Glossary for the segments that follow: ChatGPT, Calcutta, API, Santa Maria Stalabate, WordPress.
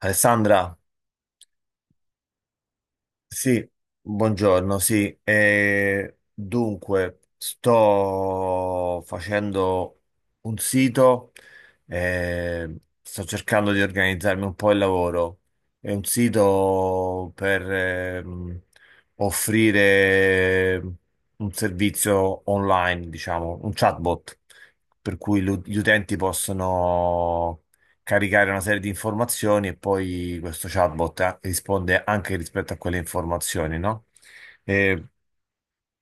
Alessandra, sì, buongiorno, sì. Dunque, sto facendo un sito, eh, sto cercando di organizzarmi un po' il lavoro. È un sito per offrire un servizio online, diciamo, un chatbot, per cui gli utenti possono caricare una serie di informazioni e poi questo chatbot risponde anche rispetto a quelle informazioni, no? Eh,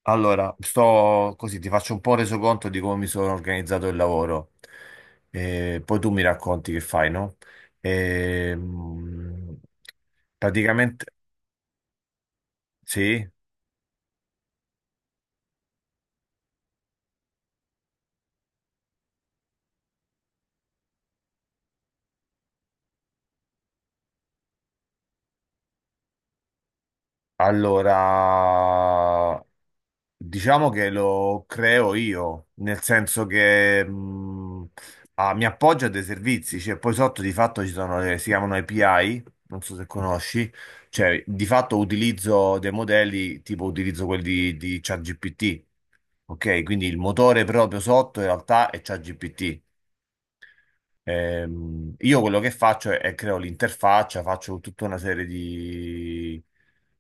allora, sto così, ti faccio un po' resoconto di come mi sono organizzato il lavoro. Poi tu mi racconti che fai, no? Ehm, praticamente, sì. Allora, diciamo che lo creo io, nel senso che mi appoggio a dei servizi, cioè poi sotto di fatto ci sono le, si chiamano API, non so se conosci, cioè di fatto utilizzo dei modelli, tipo utilizzo quelli di ChatGPT, ok? Quindi il motore proprio sotto in realtà è ChatGPT. Io quello che faccio è creo l'interfaccia, faccio tutta una serie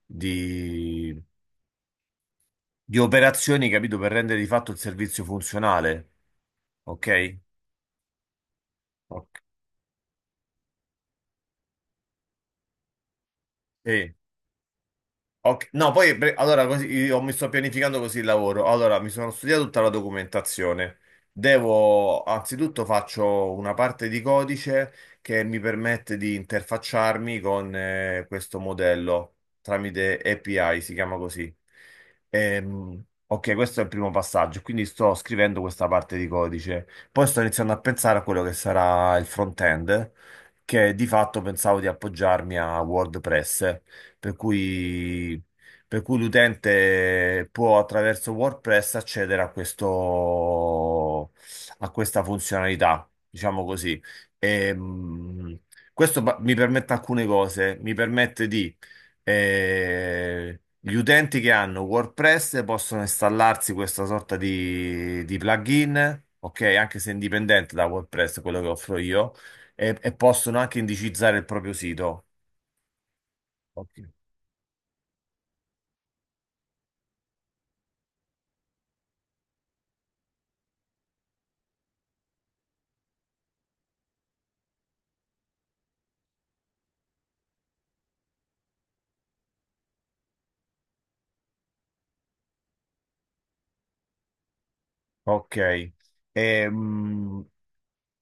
di operazioni, capito, per rendere di fatto il servizio funzionale. Ok? Ok. Sì. Ok. No, allora così, io mi sto pianificando così il lavoro. Allora, mi sono studiato tutta la documentazione. Devo, anzitutto faccio una parte di codice che mi permette di interfacciarmi con questo modello tramite API, si chiama così. Ok, questo è il primo passaggio, quindi sto scrivendo questa parte di codice. Poi sto iniziando a pensare a quello che sarà il front-end, che di fatto pensavo di appoggiarmi a WordPress, per cui, per cui l'utente può attraverso WordPress accedere a questo, a questa funzionalità, diciamo così. E, questo mi permette alcune cose, mi permette di... eh, gli utenti che hanno WordPress possono installarsi questa sorta di plugin, ok? Anche se indipendente da WordPress, quello che offro io, e possono anche indicizzare il proprio sito. Ok. Ok. Ehm,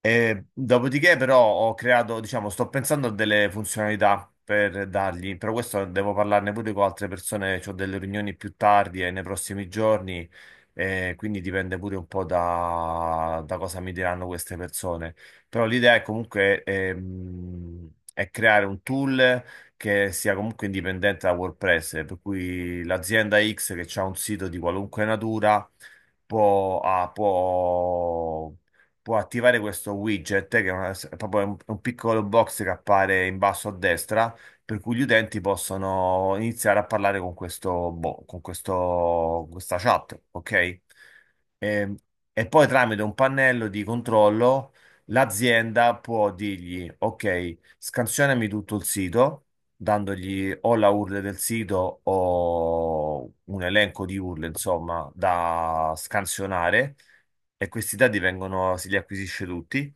e dopodiché, però, ho creato, diciamo, sto pensando a delle funzionalità per dargli, però questo devo parlarne pure con altre persone, ho delle riunioni più tardi e nei prossimi giorni, e quindi dipende pure un po' da, da cosa mi diranno queste persone. Però l'idea è comunque è creare un tool che sia comunque indipendente da WordPress, per cui l'azienda X che ha un sito di qualunque natura può attivare questo widget, che è, è proprio un piccolo box che appare in basso a destra, per cui gli utenti possono iniziare a parlare con questo, con questo, questa chat, ok? E, e poi tramite un pannello di controllo l'azienda può dirgli, ok, scansionami tutto il sito, dandogli o la URL del sito o un elenco di URL, insomma, da scansionare e questi dati vengono, si li acquisisce tutti,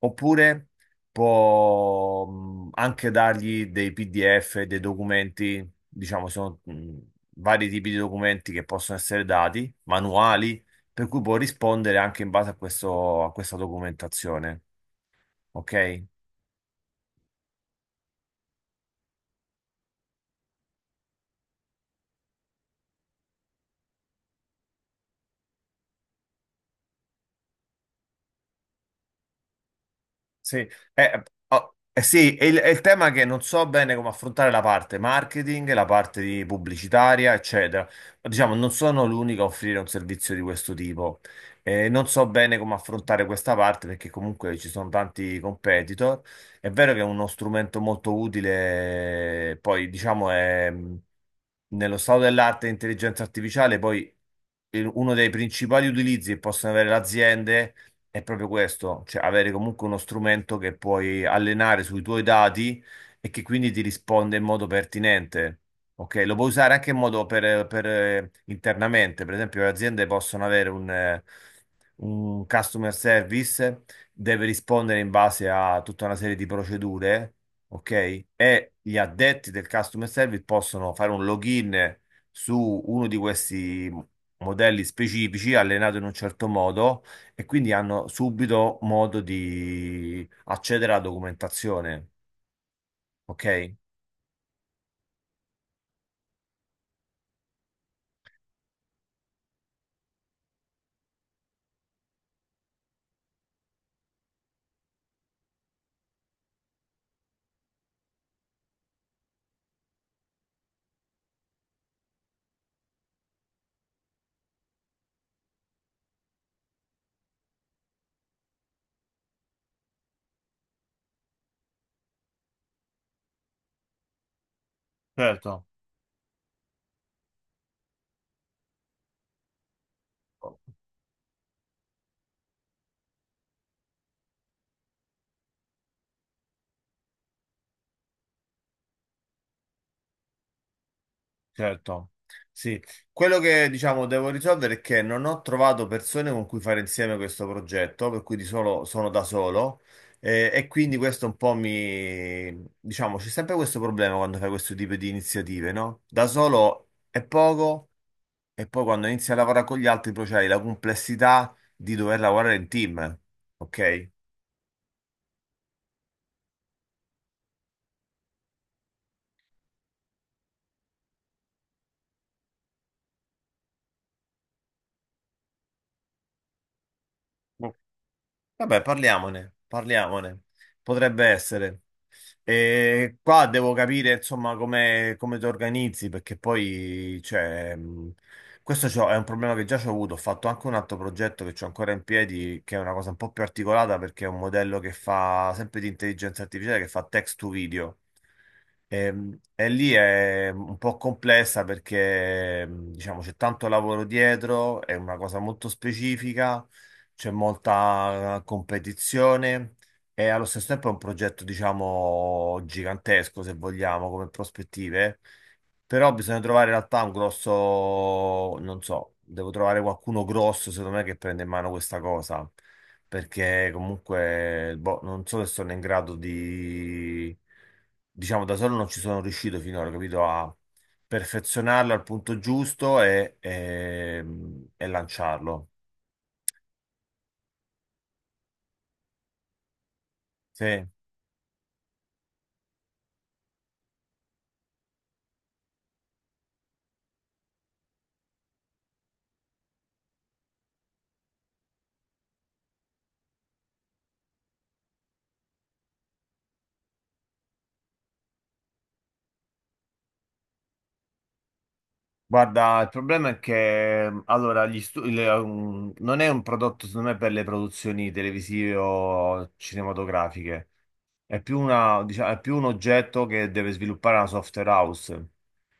oppure può anche dargli dei PDF, dei documenti, diciamo, sono vari tipi di documenti che possono essere dati, manuali, per cui può rispondere anche in base a questo, a questa documentazione, ok? Sì, oh, eh sì, è il tema che non so bene come affrontare la parte marketing, la parte di pubblicitaria, eccetera. Ma, diciamo, non sono l'unico a offrire un servizio di questo tipo. Non so bene come affrontare questa parte perché comunque ci sono tanti competitor. È vero che è uno strumento molto utile, poi diciamo è nello stato dell'arte e intelligenza artificiale, poi uno dei principali utilizzi che possono avere le aziende è proprio questo, cioè avere comunque uno strumento che puoi allenare sui tuoi dati e che quindi ti risponde in modo pertinente. Ok, lo puoi usare anche in modo internamente, per esempio le aziende possono avere un customer service, deve rispondere in base a tutta una serie di procedure, ok? E gli addetti del customer service possono fare un login su uno di questi modelli specifici, allenato in un certo modo e quindi hanno subito modo di accedere alla documentazione, ok? Certo, certo. Sì, quello che diciamo devo risolvere è che non ho trovato persone con cui fare insieme questo progetto, per cui di solo sono da solo e quindi questo un po' mi diciamo c'è sempre questo problema quando fai questo tipo di iniziative, no? Da solo è poco e poi quando inizi a lavorare con gli altri poi c'hai la complessità di dover lavorare in team, ok? Vabbè, parliamone, parliamone. Potrebbe essere. E qua devo capire, insomma, come, come ti organizzi, perché poi, cioè, questo è un problema che già ho avuto. Ho fatto anche un altro progetto che ho ancora in piedi, che è una cosa un po' più articolata, perché è un modello che fa sempre di intelligenza artificiale, che fa text to video. E lì è un po' complessa perché diciamo c'è tanto lavoro dietro, è una cosa molto specifica, c'è molta competizione e allo stesso tempo è un progetto diciamo gigantesco se vogliamo come prospettive, però bisogna trovare in realtà un grosso, non so, devo trovare qualcuno grosso secondo me che prenda in mano questa cosa perché comunque boh, non so se sono in grado di, diciamo, da solo non ci sono riuscito finora, capito? A perfezionarlo al punto giusto e lanciarlo. Sì. Guarda, il problema è che allora, gli stu- le- um, non è un prodotto, secondo me, per le produzioni televisive o cinematografiche. È più una, diciamo, è più un oggetto che deve sviluppare una software house.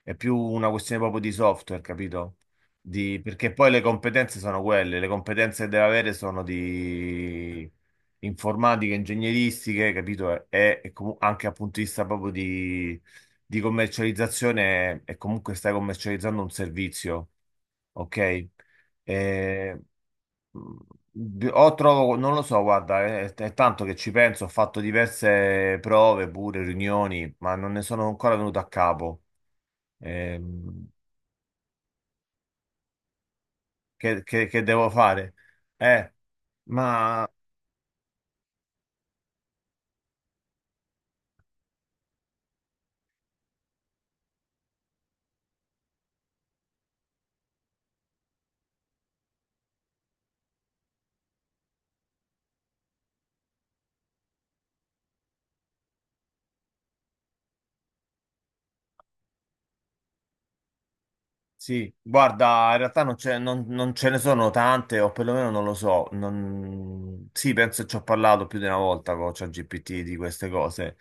È più una questione proprio di software, capito? Perché poi le competenze sono quelle, le competenze che deve avere sono di informatiche, ingegneristiche, capito? E, anche dal punto di vista proprio di commercializzazione, e comunque stai commercializzando un servizio, ok? Eh, mh, o trovo, non lo so, guarda, è tanto che ci penso, ho fatto diverse prove, pure riunioni, ma non ne sono ancora venuto a capo. Ehm, che, che devo fare? Eh, ma sì, guarda, in realtà non, non ce ne sono tante, o perlomeno non lo so. Sì, penso che ci ho parlato più di una volta con ChatGPT di queste cose,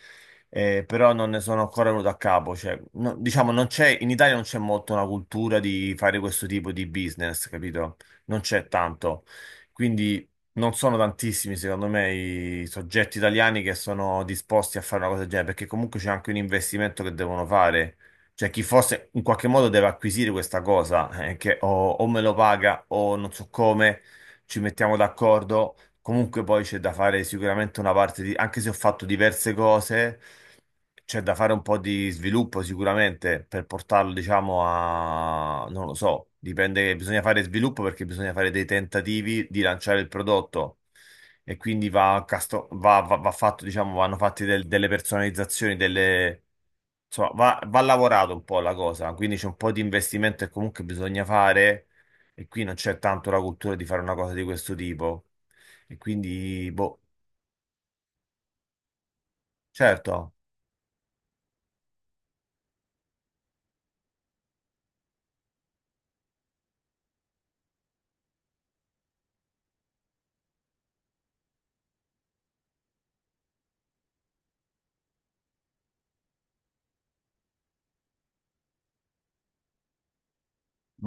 però non ne sono ancora venuto a capo. Cioè, diciamo, non c'è, in Italia non c'è molto una cultura di fare questo tipo di business, capito? Non c'è tanto. Quindi non sono tantissimi, secondo me, i soggetti italiani che sono disposti a fare una cosa del genere, perché comunque c'è anche un investimento che devono fare, cioè, chi fosse in qualche modo deve acquisire questa cosa, che o me lo paga o non so come, ci mettiamo d'accordo. Comunque poi c'è da fare sicuramente una parte di, anche se ho fatto diverse cose. C'è da fare un po' di sviluppo sicuramente per portarlo, diciamo, a... non lo so, dipende, bisogna fare sviluppo perché bisogna fare dei tentativi di lanciare il prodotto e quindi va, casto- va, va- va fatto, diciamo, vanno fatte delle personalizzazioni, delle... insomma, va, va lavorato un po' la cosa, quindi c'è un po' di investimento che comunque bisogna fare e qui non c'è tanto la cultura di fare una cosa di questo tipo e quindi, boh, certo.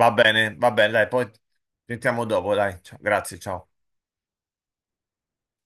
Va bene, dai, poi sentiamo dopo, dai. Ciao, grazie, ciao.